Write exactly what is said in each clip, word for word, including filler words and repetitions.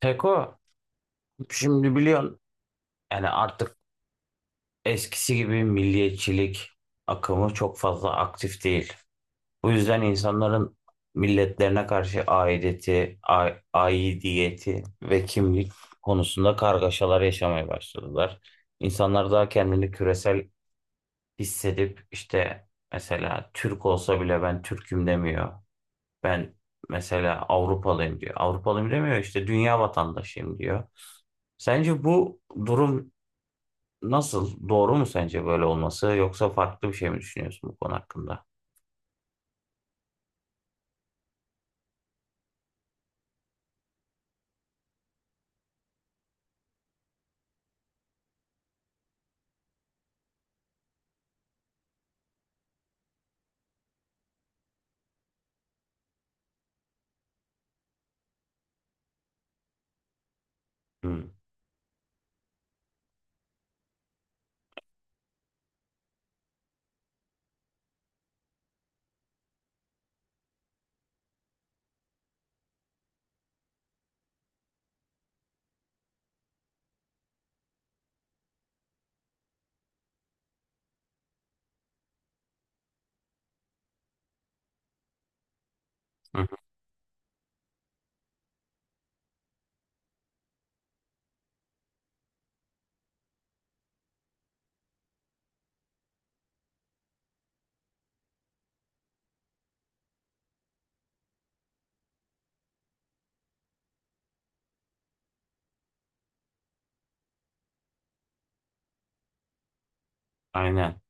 Peko, şimdi biliyorsun yani artık eskisi gibi milliyetçilik akımı çok fazla aktif değil. Bu yüzden insanların milletlerine karşı aidiyeti, a- aidiyeti ve kimlik konusunda kargaşalar yaşamaya başladılar. İnsanlar daha kendini küresel hissedip işte mesela Türk olsa bile ben Türk'üm demiyor. Ben mesela Avrupalıyım diyor. Avrupalıyım demiyor, işte dünya vatandaşıyım diyor. Sence bu durum nasıl? Doğru mu sence böyle olması? Yoksa farklı bir şey mi düşünüyorsun bu konu hakkında? Hmm. Hı hı. Aynen.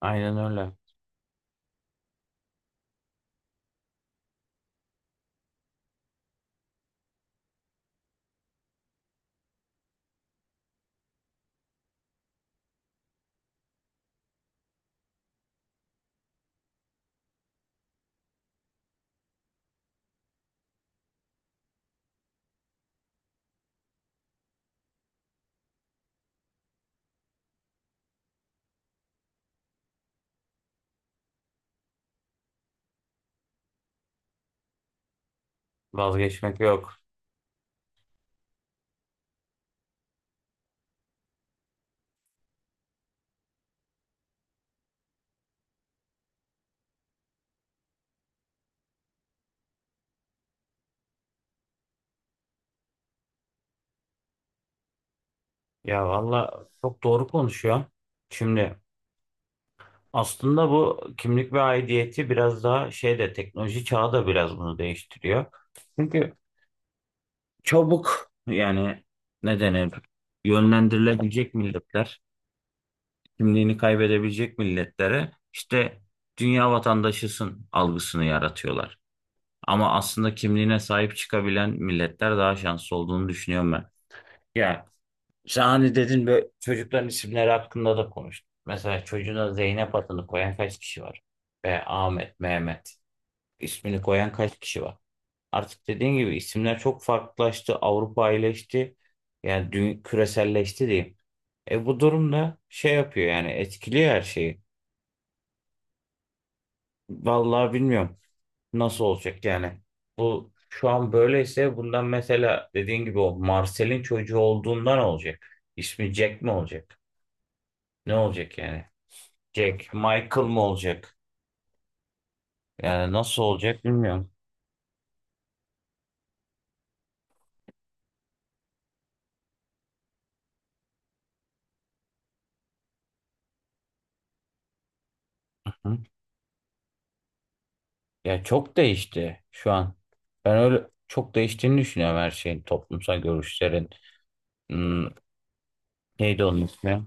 Aynen öyle. Vazgeçmek yok. Ya valla çok doğru konuşuyor. Şimdi aslında bu kimlik ve aidiyeti biraz daha şey de, teknoloji çağı da biraz bunu değiştiriyor. Çünkü çabuk yani, ne denir, yönlendirilebilecek milletler, kimliğini kaybedebilecek milletlere işte dünya vatandaşısın algısını yaratıyorlar. Ama aslında kimliğine sahip çıkabilen milletler daha şanslı olduğunu düşünüyorum ben. Ya sen hani dedin, böyle çocukların isimleri hakkında da konuştuk. Mesela çocuğuna Zeynep adını koyan kaç kişi var? Ve Ahmet, Mehmet ismini koyan kaç kişi var? Artık dediğin gibi isimler çok farklılaştı. Avrupa iyileşti. Yani dü- küreselleşti diyeyim. E bu durumda şey yapıyor, yani etkiliyor her şeyi. Vallahi bilmiyorum. Nasıl olacak yani? Bu şu an böyleyse bundan, mesela dediğin gibi, o Marcel'in çocuğu olduğundan olacak? İsmi Jack mi olacak? Ne olacak yani? Jack Michael mı olacak? Yani nasıl olacak bilmiyorum. Hı? Ya çok değişti şu an. Ben öyle çok değiştiğini düşünüyorum her şeyin, toplumsal görüşlerin. Hmm, neydi onun ismi?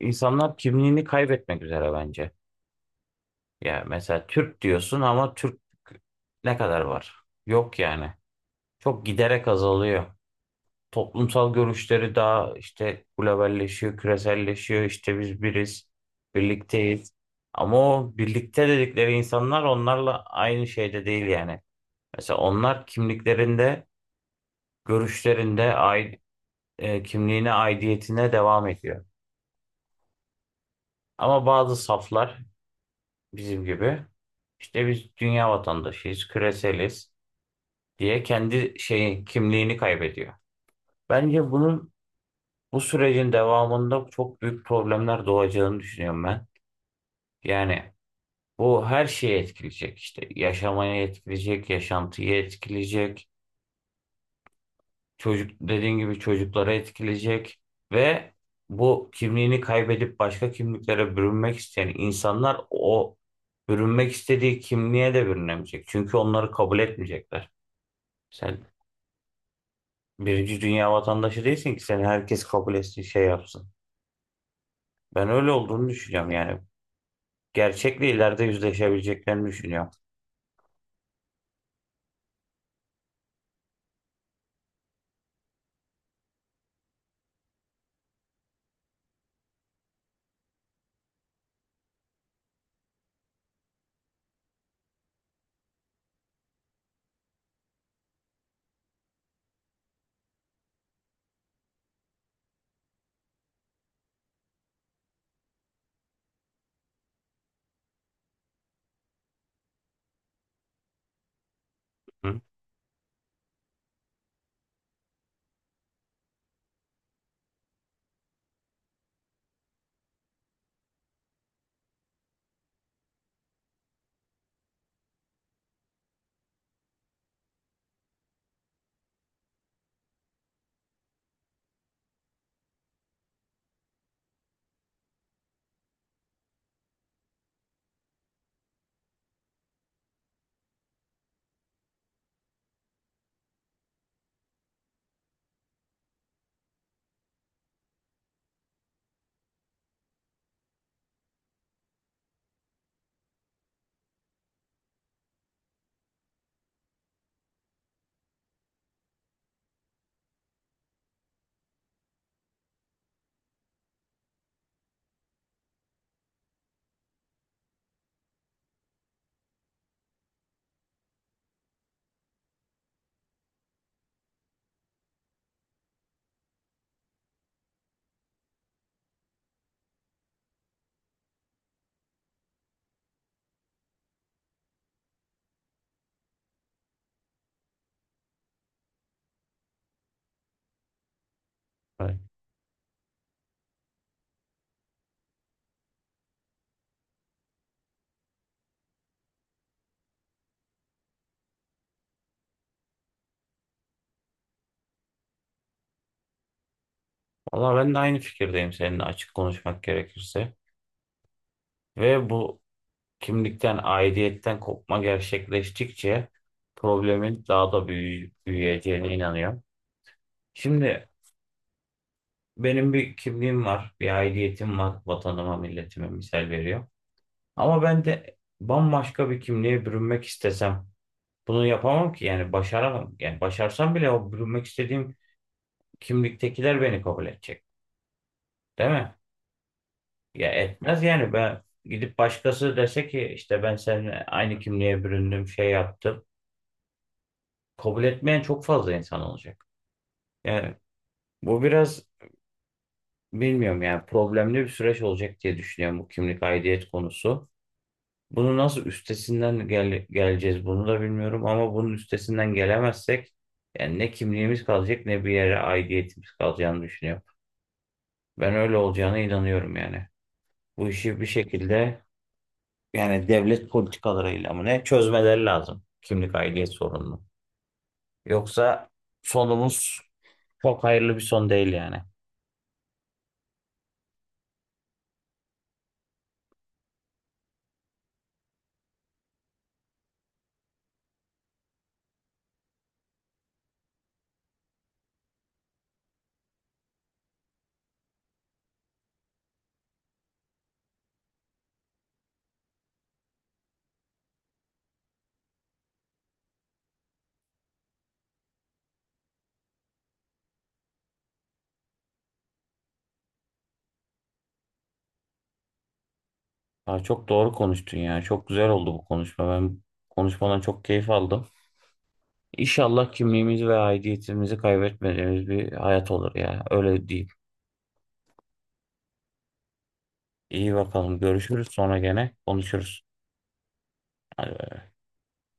İnsanlar kimliğini kaybetmek üzere bence. Ya mesela Türk diyorsun ama Türk ne kadar var? Yok yani. Çok giderek azalıyor. Toplumsal görüşleri daha işte globalleşiyor, küreselleşiyor. İşte biz biriz, birlikteyiz. Ama o birlikte dedikleri insanlar onlarla aynı şeyde değil yani. Mesela onlar kimliklerinde, görüşlerinde, ai- e, kimliğine, aidiyetine devam ediyor. Ama bazı saflar bizim gibi işte biz dünya vatandaşıyız, küreseliz diye kendi şeyi, kimliğini kaybediyor. Bence bunun bu sürecin devamında çok büyük problemler doğacağını düşünüyorum ben. Yani bu her şeye etkileyecek işte. Yaşamaya etkileyecek, yaşantıyı etkileyecek, çocuk dediğin gibi çocuklara etkileyecek ve bu kimliğini kaybedip başka kimliklere bürünmek isteyen insanlar o bürünmek istediği kimliğe de bürünemeyecek. Çünkü onları kabul etmeyecekler. Sen birinci dünya vatandaşı değilsin ki seni herkes kabul etsin, şey yapsın. Ben öyle olduğunu düşünüyorum yani. Gerçekle ileride yüzleşebileceklerini düşünüyorum. Hı? Evet. Valla ben de aynı fikirdeyim seninle, açık konuşmak gerekirse. Ve bu kimlikten, aidiyetten kopma gerçekleştikçe problemin daha da büyü büyüyeceğine inanıyorum. Şimdi benim bir kimliğim var, bir aidiyetim var, vatanıma, milletime misal veriyor. Ama ben de bambaşka bir kimliğe bürünmek istesem bunu yapamam ki, yani başaramam. Yani başarsam bile o bürünmek istediğim kimliktekiler beni kabul edecek. Değil mi? Ya etmez yani, ben gidip başkası dese ki işte ben seninle aynı kimliğe büründüm, şey yaptım. Kabul etmeyen çok fazla insan olacak. Yani bu biraz, bilmiyorum yani, problemli bir süreç olacak diye düşünüyorum bu kimlik aidiyet konusu. Bunu nasıl üstesinden gel geleceğiz bunu da bilmiyorum, ama bunun üstesinden gelemezsek yani ne kimliğimiz kalacak ne bir yere aidiyetimiz kalacağını düşünüyorum. Ben öyle olacağına inanıyorum yani. Bu işi bir şekilde, yani devlet politikalarıyla mı ne, çözmeleri lazım kimlik aidiyet sorununu. Yoksa sonumuz çok hayırlı bir son değil yani. Aa, çok doğru konuştun ya. Çok güzel oldu bu konuşma. Ben konuşmadan çok keyif aldım. İnşallah kimliğimizi ve aidiyetimizi kaybetmediğimiz bir hayat olur ya. Öyle diyeyim. İyi bakalım. Görüşürüz. Sonra gene konuşuruz. Hadi bay.